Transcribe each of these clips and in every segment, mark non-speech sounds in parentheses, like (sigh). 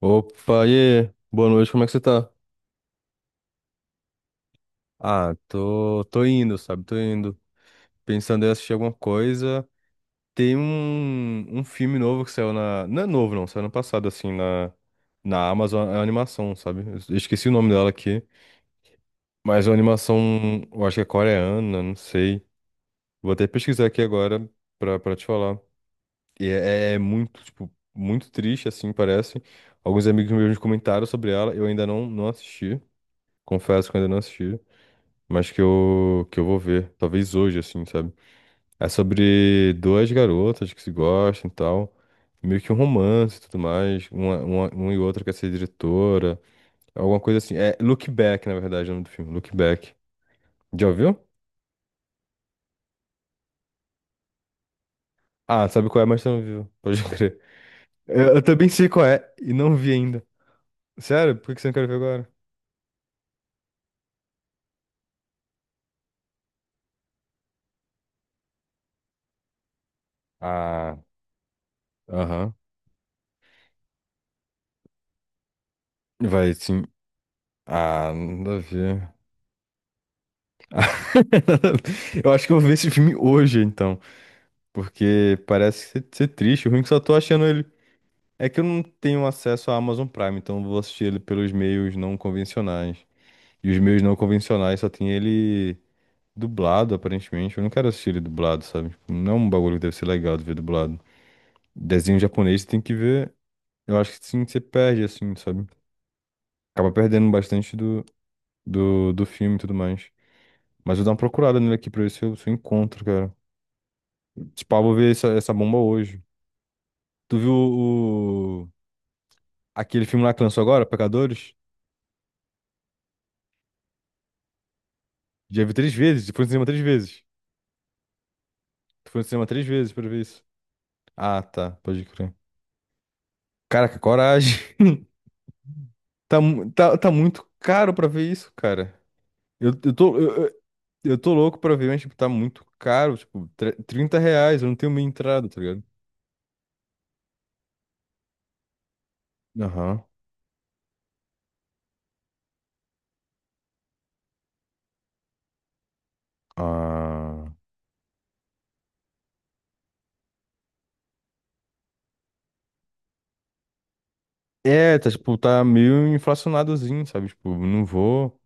Opa, e aí? Boa noite, como é que você tá? Ah, tô indo, sabe? Tô indo. Pensando em assistir alguma coisa. Tem um filme novo que saiu na. Não é novo, não, saiu ano passado, assim, na, na Amazon, é uma animação, sabe? Eu esqueci o nome dela aqui. Mas é uma animação, eu acho que é coreana, não sei. Vou até pesquisar aqui agora pra te falar. E é muito, tipo, muito triste, assim, parece. Alguns amigos meus comentaram sobre ela, eu ainda não assisti. Confesso que eu ainda não assisti. Mas que eu vou ver, talvez hoje, assim, sabe? É sobre duas garotas que se gostam e tal, meio que um romance e tudo mais, uma e outra quer ser diretora, alguma coisa assim. É Look Back, na verdade, é o nome do filme, Look Back. Já ouviu? Ah, sabe qual é, mas você não viu, (laughs) pode crer. Eu também sei qual é e não vi ainda. Sério? Por que que você não quer ver agora? Ah, aham. Vai, sim. Ah, nada a ver. (laughs) Eu acho que eu vou ver esse filme hoje, então. Porque parece ser triste, o ruim é que só tô achando ele. É que eu não tenho acesso à Amazon Prime, então eu vou assistir ele pelos meios não convencionais. E os meios não convencionais só tem ele dublado, aparentemente. Eu não quero assistir ele dublado, sabe? Tipo, não é um bagulho que deve ser legal de ver dublado. Desenho japonês você tem que ver. Eu acho que sim, você perde, assim, sabe? Acaba perdendo bastante do filme e tudo mais. Mas eu vou dar uma procurada nele aqui pra ver se eu encontro, cara. Tipo, ah, vou ver essa bomba hoje. Tu viu o. Aquele filme lá que lançou agora, Pecadores, já vi três vezes, e foi no cinema três vezes. Tu foi no cinema três vezes pra ver isso. Ah, tá, pode crer. Caraca, coragem. (laughs) Tá, tá muito caro pra ver isso, cara. Eu eu tô louco pra ver, mas, tipo, tá muito caro. Tipo, R$ 30, eu não tenho meia entrada, tá ligado? Aham. Ah. É, tá, tipo, tá meio inflacionadozinho, sabe? Tipo, não vou.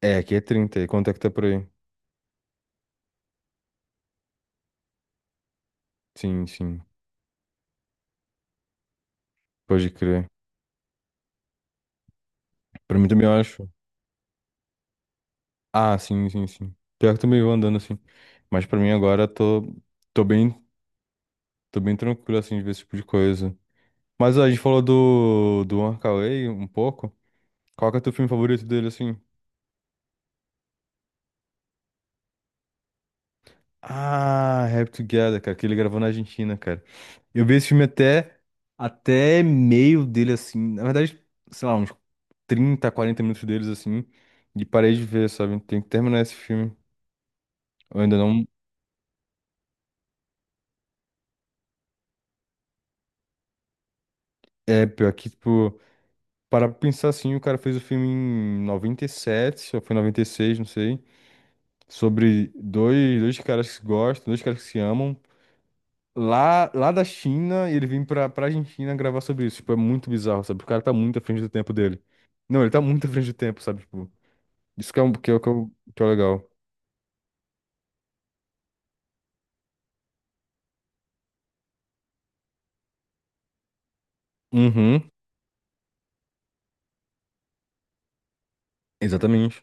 É, aqui é 30. E quanto é que tá por aí? Sim, sim. Pode crer. Pra mim também eu acho. Ah, sim, sim, sim. Pior que também eu andando assim. Mas pra mim agora tô tô bem tranquilo assim de ver esse tipo de coisa. Mas ó, a gente falou do One Kar um pouco. Qual que é o teu filme favorito dele assim? Ah, Happy Together, cara, que ele gravou na Argentina, cara. Eu vi esse filme até meio dele assim, na verdade, sei lá, uns 30, 40 minutos deles assim, e parei de ver, sabe? Tem que terminar esse filme. Eu ainda não é pior que tipo para pensar assim, o cara fez o filme em 97, ou foi 96, não sei, sobre dois caras que se gostam, dois caras que se amam, lá da China, e ele vem pra, pra Argentina gravar sobre isso. Tipo, é muito bizarro, sabe? O cara tá muito à frente do tempo dele. Não, ele tá muito à frente do tempo, sabe? Tipo, isso que é, um, que é o legal. Uhum, exatamente.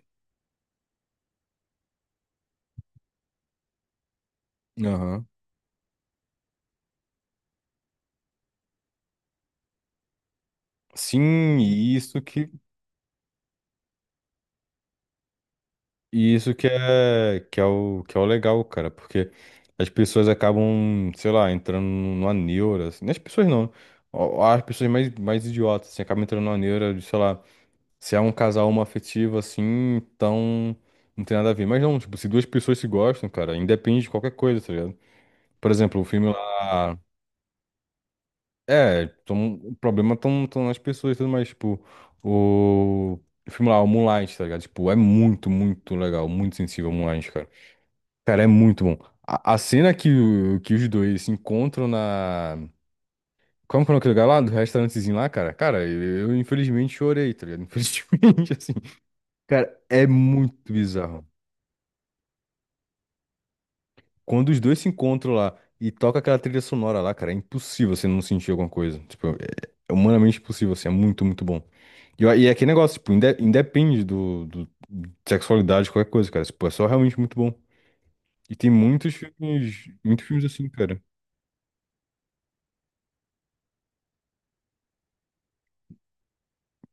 Aham. Sim, isso que, e isso que é o legal, cara, porque as pessoas acabam, sei lá, entrando numa neura, assim, não as pessoas não, ó, as pessoas mais idiotas, assim, acabam entrando numa neura de, sei lá, se é um casal homoafetivo, assim, então não tem nada a ver. Mas não, tipo, se duas pessoas se gostam, cara, independe de qualquer coisa, tá ligado? Por exemplo, o filme lá, é, tão, o problema estão tão nas pessoas e tudo mais, tipo, o... O filme lá, o Moonlight, tá ligado? Tipo, é muito, muito legal, muito sensível o Moonlight, cara. Cara, é muito bom. A cena que, o- que os dois se encontram na. Como que é aquele lugar lá? Do restaurantezinho lá, cara? Cara, eu infelizmente chorei, tá ligado? (laughs) Infelizmente, assim. Cara, é muito bizarro. Quando os dois se encontram lá e toca aquela trilha sonora lá, cara, é impossível você não sentir alguma coisa. Tipo, é humanamente impossível, assim, é muito, muito bom. E é aquele negócio, tipo, independe de sexualidade, qualquer coisa, cara. Tipo, é só realmente muito bom. E tem muitos filmes assim, cara.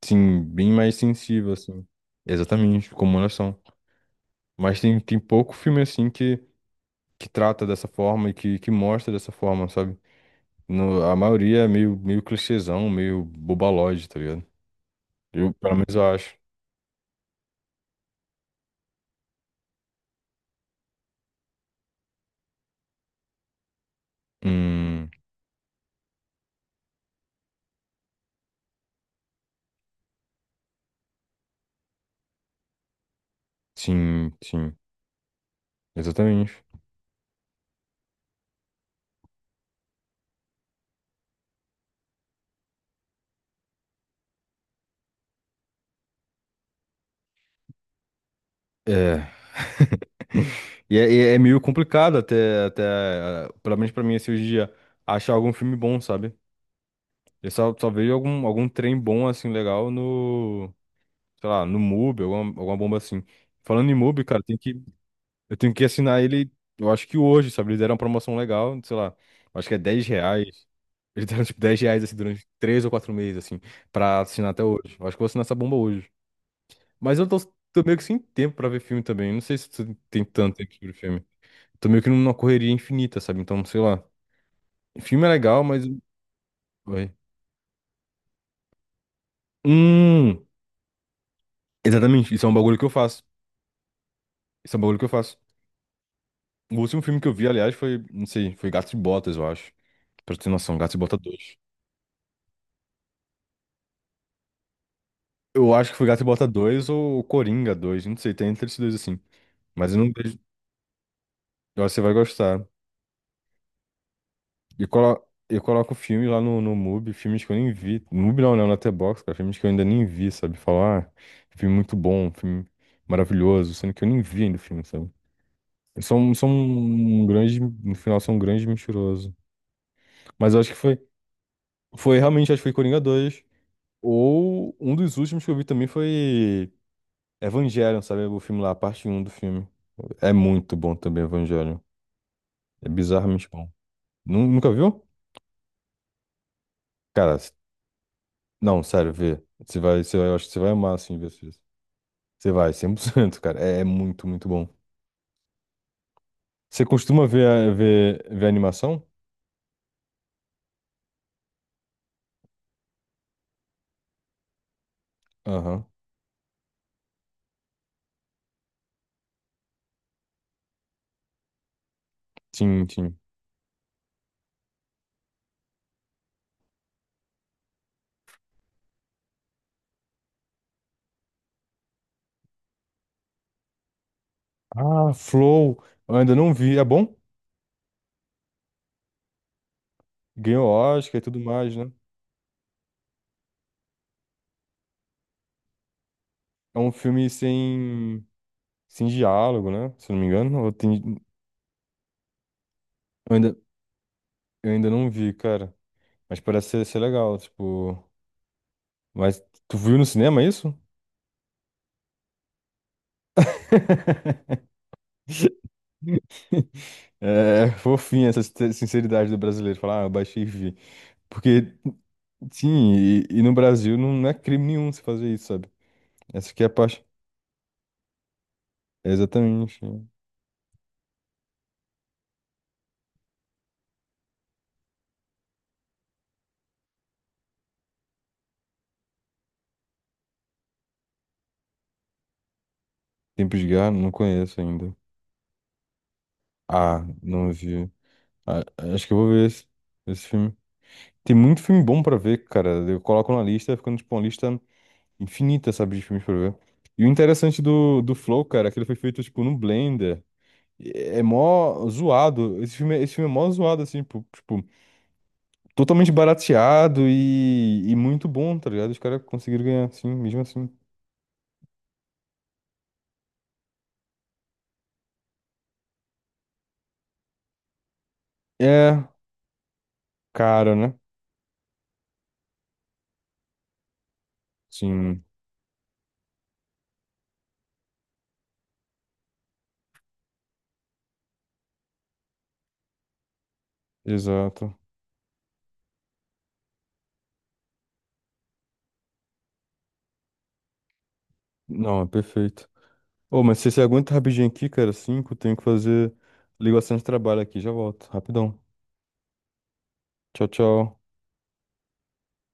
Sim, bem mais sensível, assim. Exatamente, como elas são. Mas tem pouco filme, assim, que trata dessa forma e que mostra dessa forma, sabe? No, a maioria é meio, meio clichêzão, meio bobalóide, tá ligado? Eu, pelo menos, eu acho. Hum, sim, sim, exatamente. É, e é meio complicado até, eh, pelo menos pra mim, esse dia, achar algum filme bom, sabe? Eu só vejo algum trem bom, assim, legal no... sei lá, no MUB, alguma bomba assim. Falando em MUB, cara, eu tenho que assinar ele, eu acho que hoje, sabe? Eles deram uma promoção legal, sei lá, acho que é R$ 10. (laughs) Eles deram tipo R$ 10 assim, durante 3 ou 4 meses, assim, pra assinar até hoje. Eu acho que eu vou assinar essa bomba hoje. Mas tô meio que sem tempo pra ver filme também. Não sei se tu tem tanto tempo sobre filme. Tô meio que numa correria infinita, sabe? Então, sei lá. Filme é legal, mas. Vai. Hum, exatamente. Isso é um bagulho que eu faço. Isso é um bagulho que eu faço. O último filme que eu vi, aliás, foi, não sei, foi Gato e Botas, eu acho. Pra ter noção, Gato e Botas dois. Eu acho que foi Gato e Botas 2 ou Coringa 2. Não sei, tem entre esses dois assim. Mas eu não vejo, eu acho que você vai gostar. E colo... eu coloco filme lá no MUBI, filmes que eu nem vi. MUBI não, né? No Letterboxd, cara, filmes que eu ainda nem vi, sabe? Falar, ah, filme muito bom, filme maravilhoso, sendo que eu nem vi ainda o filme, sabe? São, são um grande, no final, são um grande mentiroso. Mas eu acho que foi realmente, acho que foi Coringa 2. Ou um dos últimos que eu vi também foi Evangelion, sabe? O filme lá, a parte um do filme. É muito bom também, Evangelion. É bizarramente bom. Nunca viu? Cara, não, sério, vê. Você vai, eu acho que você vai amar, assim, ver isso. Você vai, 100% cara. É, é muito, muito bom. Você costuma ver, ver animação? Aham. Sim, sim. Ah, Flow. Eu ainda não vi. É bom? Ganhou Oscar e tudo mais, né? É um filme sem diálogo, né? Se eu não me engano. Ou tem, Eu ainda, eu ainda não vi, cara. Mas parece ser legal, tipo. Mas tu viu no cinema isso? (laughs) É fofinha essa sinceridade do brasileiro, falar, ah, eu baixei e vi. Porque, sim, e no Brasil não é crime nenhum você fazer isso, sabe? Essa aqui é a parte. É exatamente. Né? Tempos de Guerra, não conheço ainda. Ah, não vi. Ah, acho que eu vou ver esse filme. Tem muito filme bom pra ver, cara. Eu coloco na lista, ficando tipo uma lista infinita, sabe, de filmes pra ver. E o interessante do Flow, cara, é que ele foi feito, tipo, no Blender. É é mó zoado. Esse filme é mó zoado, assim, pô, tipo, totalmente barateado e muito bom, tá ligado? Os caras conseguiram ganhar, assim, mesmo assim. É caro, né? Sim, exato. Não, é perfeito. Ô, mas se você aguenta rapidinho aqui, cara, cinco, tenho que fazer ligação de trabalho aqui. Já volto, rapidão. Tchau, tchau.